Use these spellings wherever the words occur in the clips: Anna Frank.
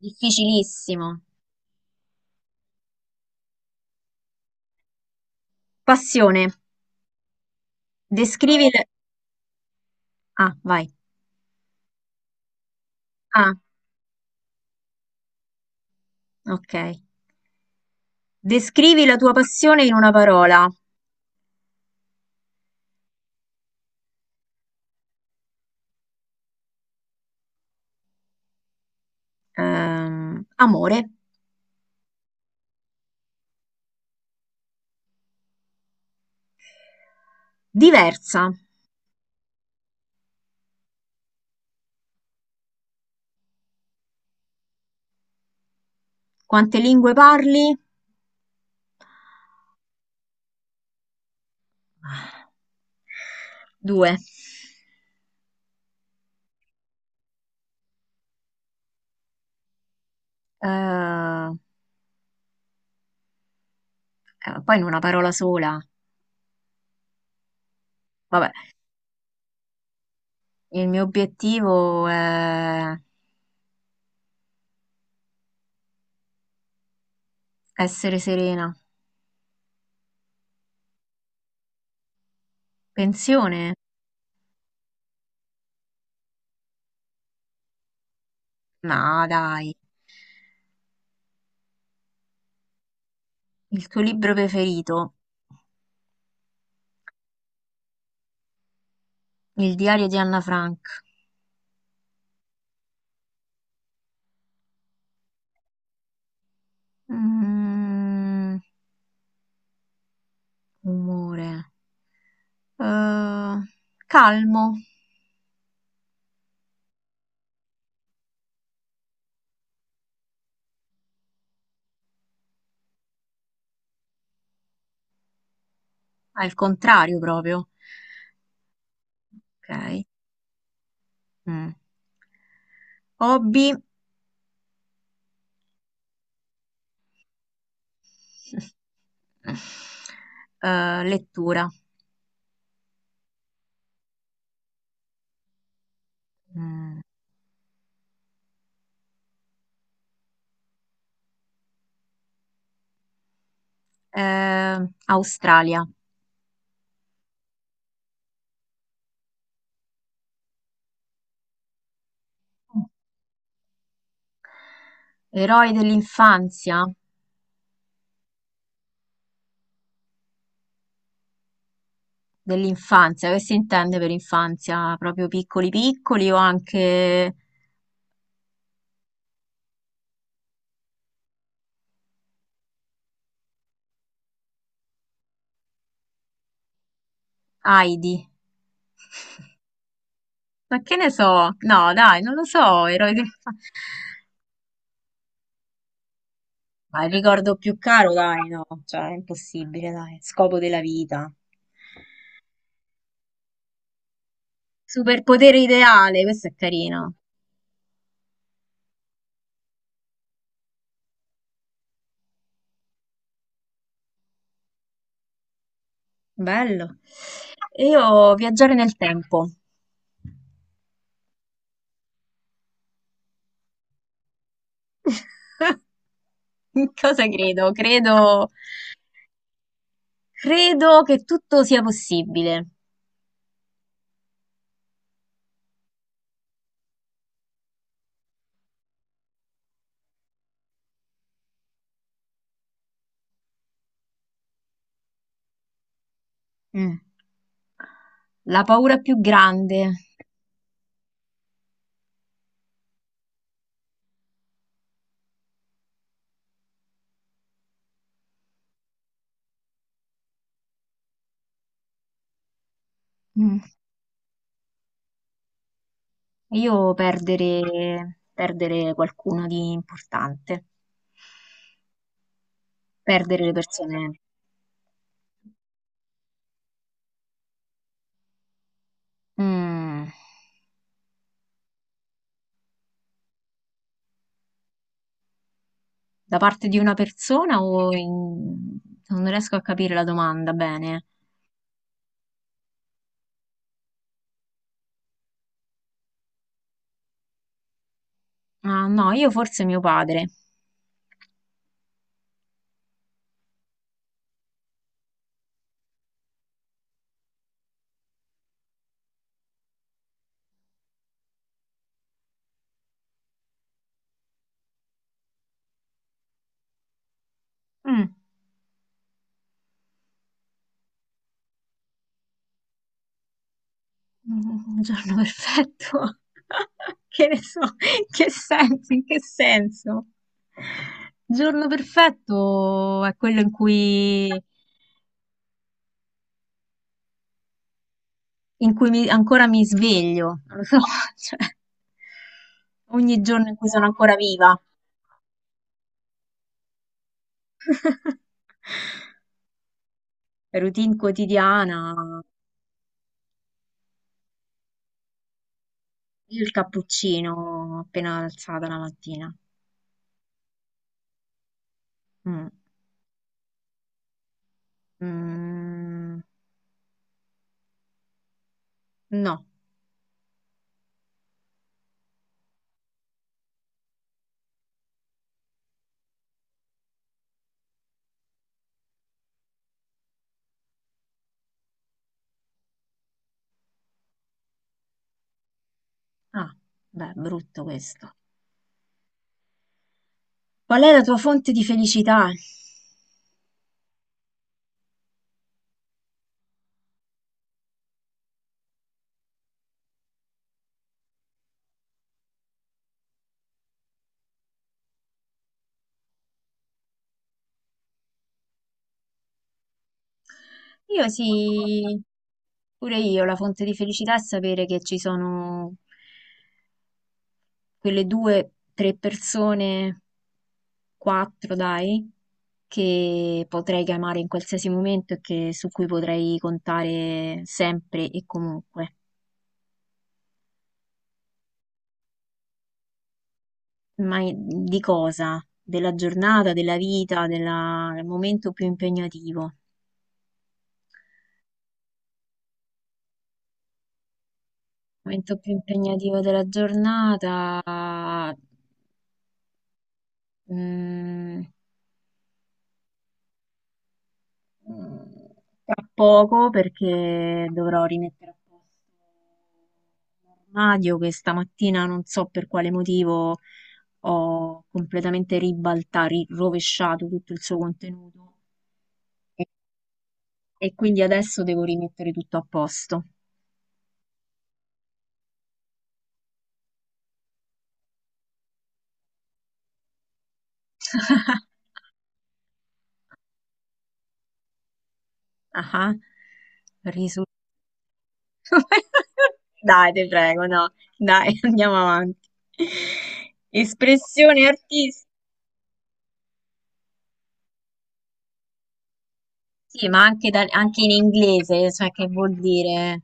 Difficilissimo. Passione. Descrivi le- Ah, vai. Ah, ok. Descrivi la tua passione in una parola. Amore. Diversa. Quante lingue parli? Due. Eh, Poi in una parola sola. Vabbè, il mio obiettivo è essere serena. Pensione? No, dai. Il tuo libro preferito? Il diario di Anna Frank. Mm, umore. Eh, calmo, al contrario proprio. Ok. Mm. Hobby. Lettura. Mm. Australia. Eroi dell'infanzia? Dell'infanzia, che si intende per infanzia? Proprio piccoli piccoli o anche Heidi? Ma che ne so? No, dai, non lo so, eroi dell'infanzia. Ma il ricordo più caro, dai, no, cioè è impossibile, dai, scopo della vita. Superpotere ideale, questo è carino, bello. E io viaggiare nel tempo. In cosa credo? Credo che tutto sia possibile. Mm. La paura più grande. Mm. Io perdere qualcuno di importante, perdere le persone. Mm. Da parte di una persona o in- non riesco a capire la domanda bene. Ah, no, io forse mio padre. Mm. Un giorno perfetto. Che ne so, in che senso? Giorno perfetto è quello in cui mi- ancora mi sveglio, non lo so, cioè, ogni giorno in cui sono ancora viva. Routine quotidiana, io il cappuccino appena alzata la mattina. Mm. Mm. No. Ah, beh, brutto questo. Qual è la tua fonte di felicità? Io sì, pure io, la fonte di felicità è sapere che ci sono quelle due, tre persone, quattro dai, che potrei chiamare in qualsiasi momento e che- su cui potrei contare sempre e comunque. Ma i- di cosa? Della giornata, della vita, della- Del momento più impegnativo. Il momento più impegnativo della giornata, mm, tra poco perché dovrò rimettere a posto un armadio che stamattina non so per quale motivo ho completamente ribaltato, rovesciato tutto il suo contenuto e e quindi adesso devo rimettere tutto a posto. Ah-ah. Risu Dai, ti prego, no. Dai, andiamo avanti. Espressione artistica, sì, ma anche, da- anche in inglese, cioè che vuol dire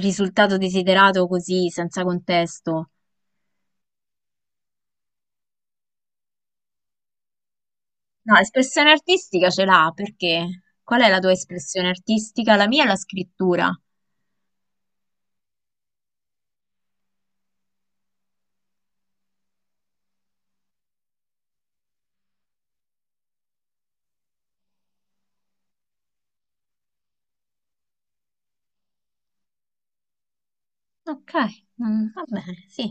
risultato desiderato così, senza contesto. No, espressione artistica ce l'ha, perché? Qual è la tua espressione artistica? La mia è la scrittura. Ok, mm, va bene, sì.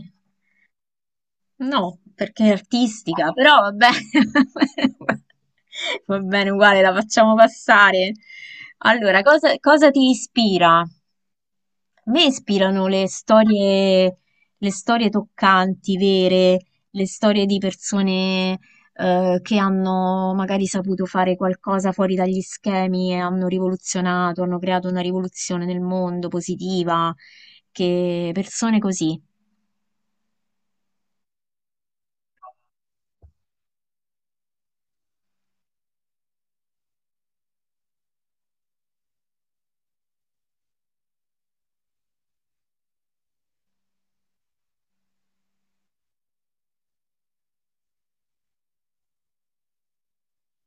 No, perché è artistica, però va bene, va bene uguale, la facciamo passare. Allora, cosa ti ispira? A me ispirano le storie toccanti, vere, le storie di persone, che hanno magari saputo fare qualcosa fuori dagli schemi e hanno rivoluzionato, hanno creato una rivoluzione nel mondo positiva, che persone così.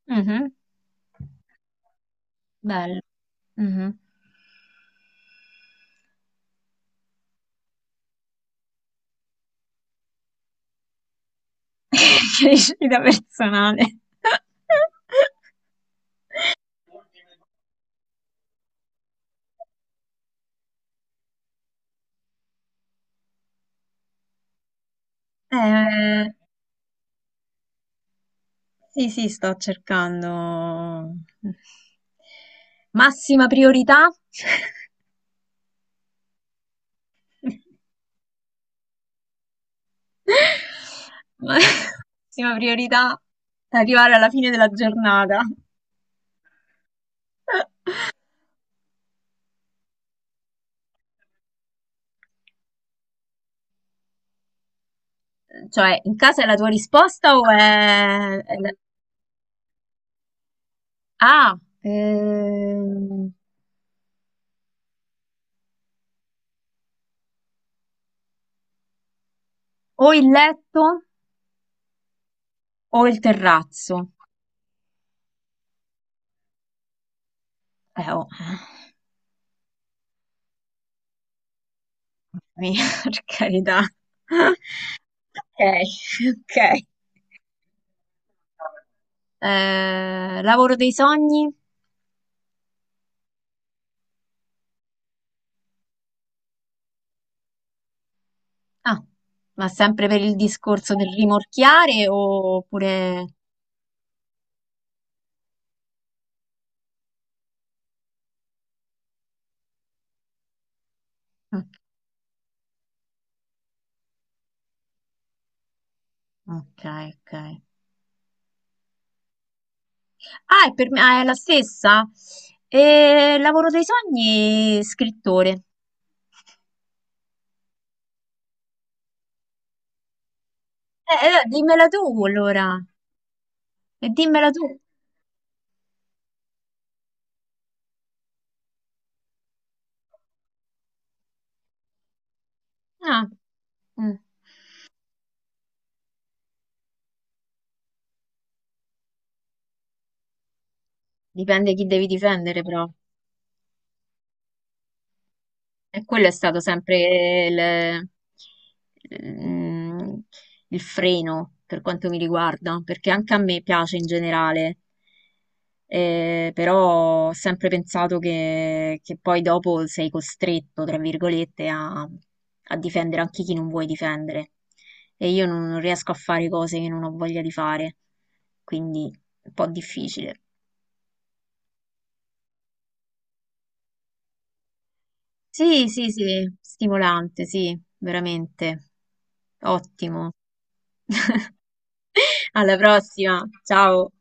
Mhm, bello. Mhm. Crescita personale. Eh, sì, sto cercando. Massima priorità. Ma- massima priorità, arrivare alla fine della giornata. Cioè, in casa è la tua risposta o è la- Ah, ehm, o il letto o il terrazzo. Oh. Mia, per carità. Ok, ok. Lavoro dei sogni? Ah, ma sempre per il discorso del rimorchiare oppure... Mm. Ok, ok. È, per me, ah, è la stessa? Lavoro dei sogni, scrittore. Dimmela tu allora. E dimmela tu. Ah, mm. Dipende chi devi difendere, però. E quello è stato sempre il, mm, il freno per quanto mi riguarda, perché anche a me piace in generale, però ho sempre pensato che poi dopo sei costretto, tra virgolette, a difendere anche chi non vuoi difendere. E io non riesco a fare cose che non ho voglia di fare, quindi è un po' difficile. Sì, stimolante, sì, veramente. Ottimo. Alla prossima, ciao!